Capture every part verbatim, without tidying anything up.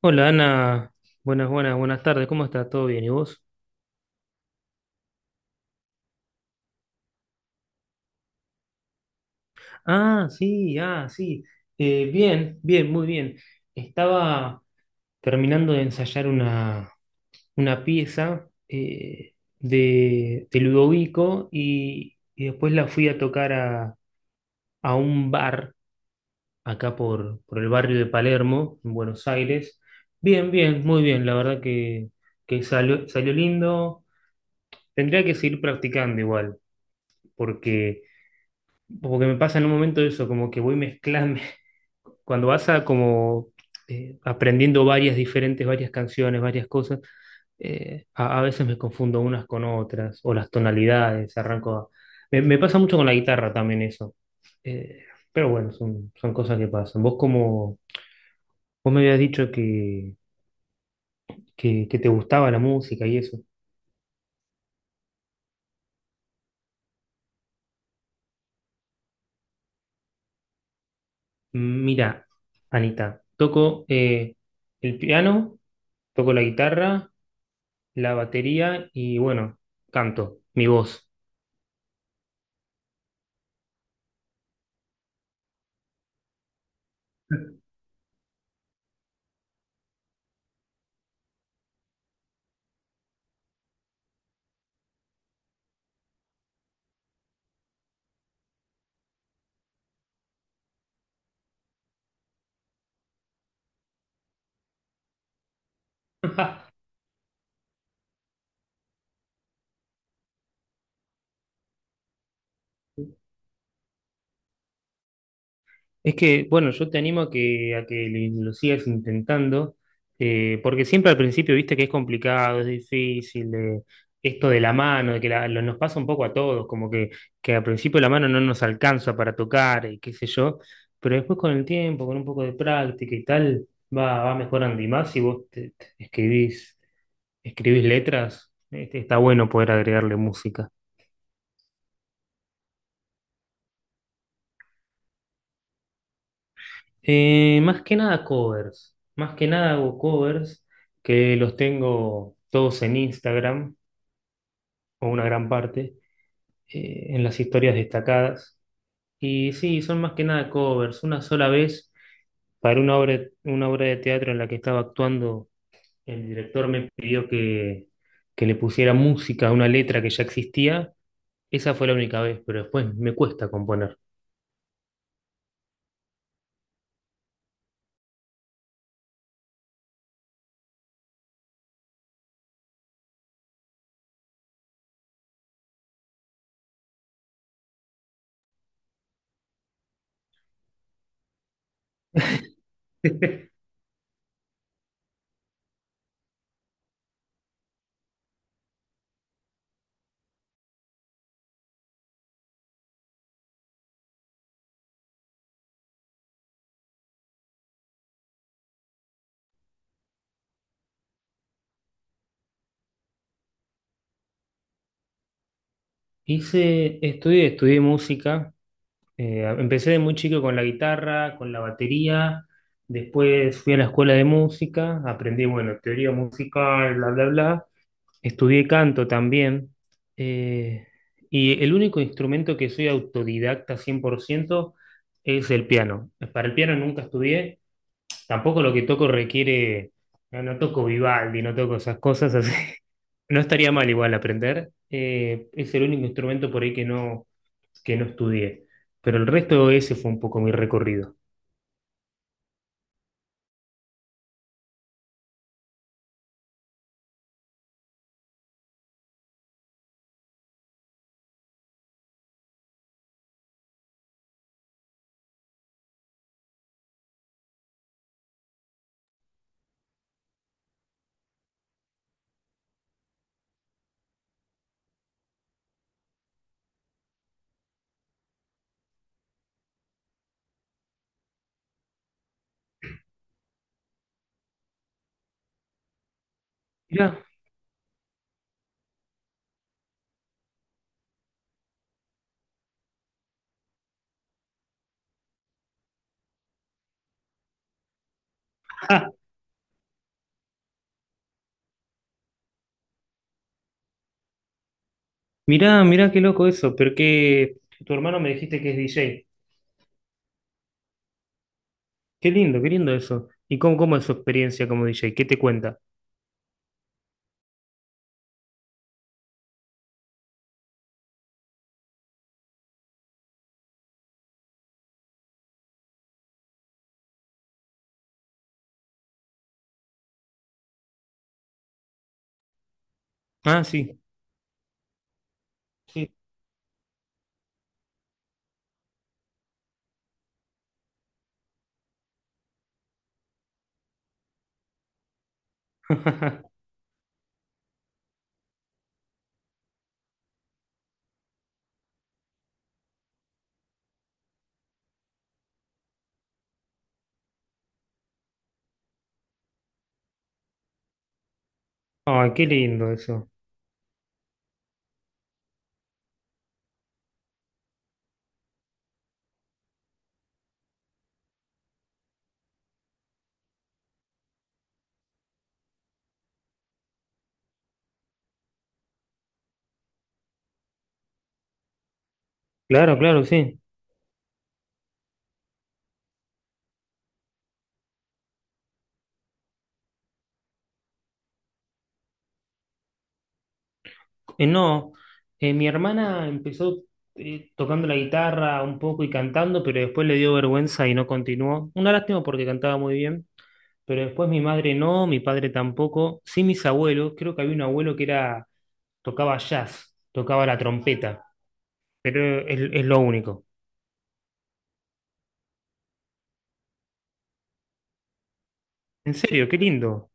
Hola Ana, buenas, buenas, buenas tardes, ¿cómo está? ¿Todo bien? ¿Y vos? Ah, sí, ah, sí. Eh, bien, bien, muy bien. Estaba terminando de ensayar una, una pieza eh, de, de Ludovico y, y después la fui a tocar a, a un bar acá por, por el barrio de Palermo, en Buenos Aires. Bien, bien, muy bien, la verdad que, que salió, salió lindo. Tendría que seguir practicando igual, porque Porque me pasa en un momento eso, como que voy mezclando, cuando vas a como eh, aprendiendo varias diferentes, varias canciones, varias cosas, eh, a, a veces me confundo unas con otras, o las tonalidades, arranco a- Me, me pasa mucho con la guitarra también eso. Eh, pero bueno, son, son cosas que pasan. Vos como, vos me habías dicho que, que, que te gustaba la música y eso. Mira, Anita, toco eh, el piano, toco la guitarra la batería y bueno, canto, mi voz. Es que, bueno, yo te animo a que, a que lo lo sigas intentando, eh, porque siempre al principio viste que es complicado, es difícil, de, esto de la mano, de que la- lo- nos pasa un poco a todos, como que, que al principio la mano no nos alcanza para tocar y qué sé yo, pero después con el tiempo, con un poco de práctica y tal, va, va mejorando y más si vos te- te escribís, escribís letras, este, está bueno poder agregarle música. Eh, más que nada covers. Más que nada hago covers que los tengo todos en Instagram, o una gran parte, eh, en las historias destacadas. Y sí, son más que nada covers. Una sola vez, para una obra, una obra de teatro en la que estaba actuando, el director me pidió que, que le pusiera música a una letra que ya existía. Esa fue la única vez, pero después me cuesta componer. Hice, estudié, estudié música. Eh, empecé de muy chico con la guitarra, con la batería, después fui a la escuela de música, aprendí, bueno, teoría musical, bla, bla, bla. Estudié canto también. eh, y el único instrumento que soy autodidacta cien por ciento es el piano. Para el piano nunca estudié, tampoco lo que toco requiere, no, no toco Vivaldi, no toco esas cosas así. No estaría mal igual aprender. Eh, es el único instrumento por ahí que no que no estudié. Pero el resto ese fue un poco mi recorrido. Mirá, ah, mirá, mirá qué loco eso, pero que tu hermano me dijiste que es D J. Qué lindo, qué lindo eso. ¿Y cómo, cómo es su experiencia como D J? ¿Qué te cuenta? Ah, sí, sí. Ay, qué lindo eso. Claro, claro, sí. Eh, no, eh, mi hermana empezó eh, tocando la guitarra un poco y cantando, pero después le dio vergüenza y no continuó. Una lástima porque cantaba muy bien. Pero después mi madre no, mi padre tampoco, sí mis abuelos, creo que había un abuelo que era, tocaba jazz, tocaba la trompeta, pero es, es lo único. En serio, qué lindo,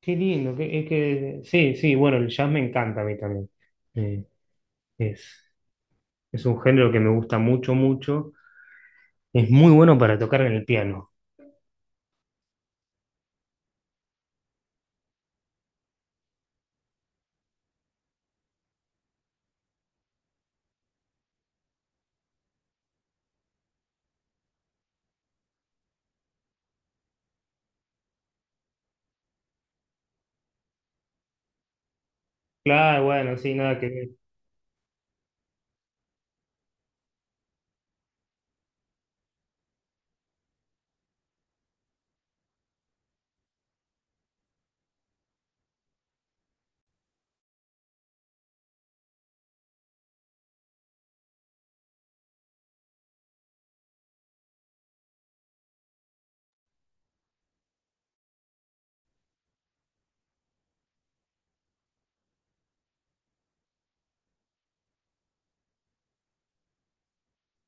qué lindo, que, es que, sí, sí, bueno, el jazz me encanta a mí también. Eh, es, es un género que me gusta mucho, mucho, es muy bueno para tocar en el piano. Claro, bueno, sí, nada que ver.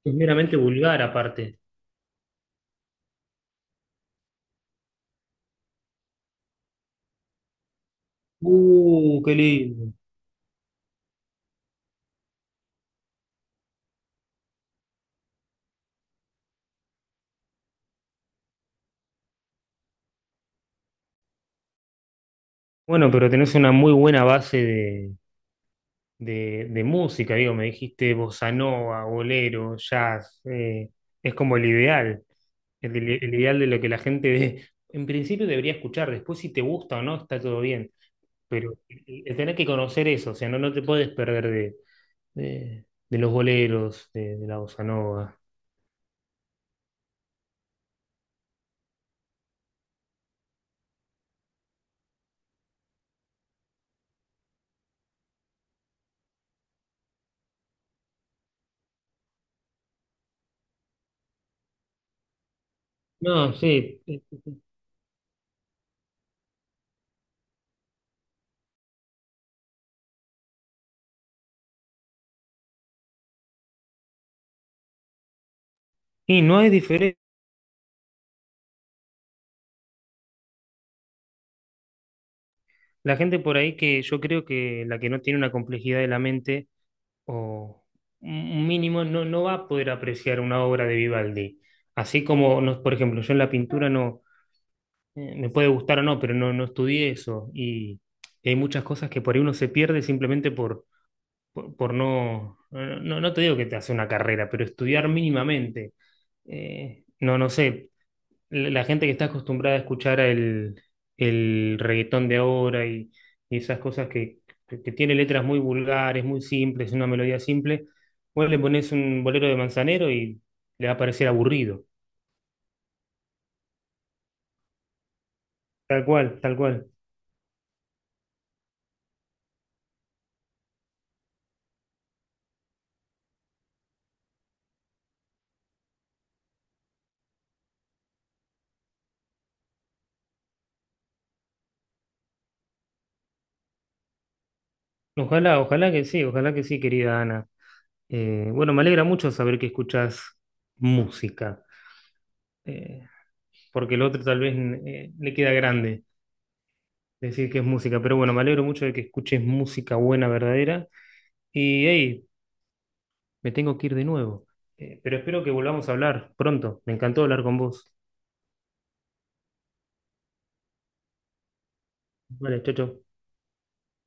Es meramente vulgar aparte. Uh, qué lindo. Bueno, pero tenés una muy buena base de, de, de música, digo, me dijiste bossa nova, bolero, jazz, eh, es como el ideal, el, el ideal de lo que la gente de- en principio debería escuchar, después si te gusta o no, está todo bien, pero el- el tener que conocer eso, o sea, no, no te puedes perder de, de, de los boleros, de, de la bossa nova. No, sí, sí, sí, sí. Y no es diferente. La gente por ahí que yo creo que la que no tiene una complejidad de la mente, o un mínimo, no, no va a poder apreciar una obra de Vivaldi. Así como, no- por ejemplo, yo en la pintura no, eh, me puede gustar o no, pero no, no estudié eso. Y hay muchas cosas que por ahí uno se pierde simplemente por, por, por no, no, no te digo que te hace una carrera, pero estudiar mínimamente. Eh, no, no sé, la la gente que está acostumbrada a escuchar el, el reggaetón de ahora y, y esas cosas que, que- que tiene letras muy vulgares, muy simples, una melodía simple, vos le pones un bolero de Manzanero y le va a parecer aburrido. Tal cual, tal cual. Ojalá, ojalá que sí, ojalá que sí, querida Ana. Eh, bueno, me alegra mucho saber que escuchás música, eh, porque el otro tal vez eh, le queda grande decir que es música, pero bueno, me alegro mucho de que escuches música buena, verdadera. Y hey, me tengo que ir de nuevo. Eh, pero espero que volvamos a hablar pronto. Me encantó hablar con vos. Vale, chao, chao.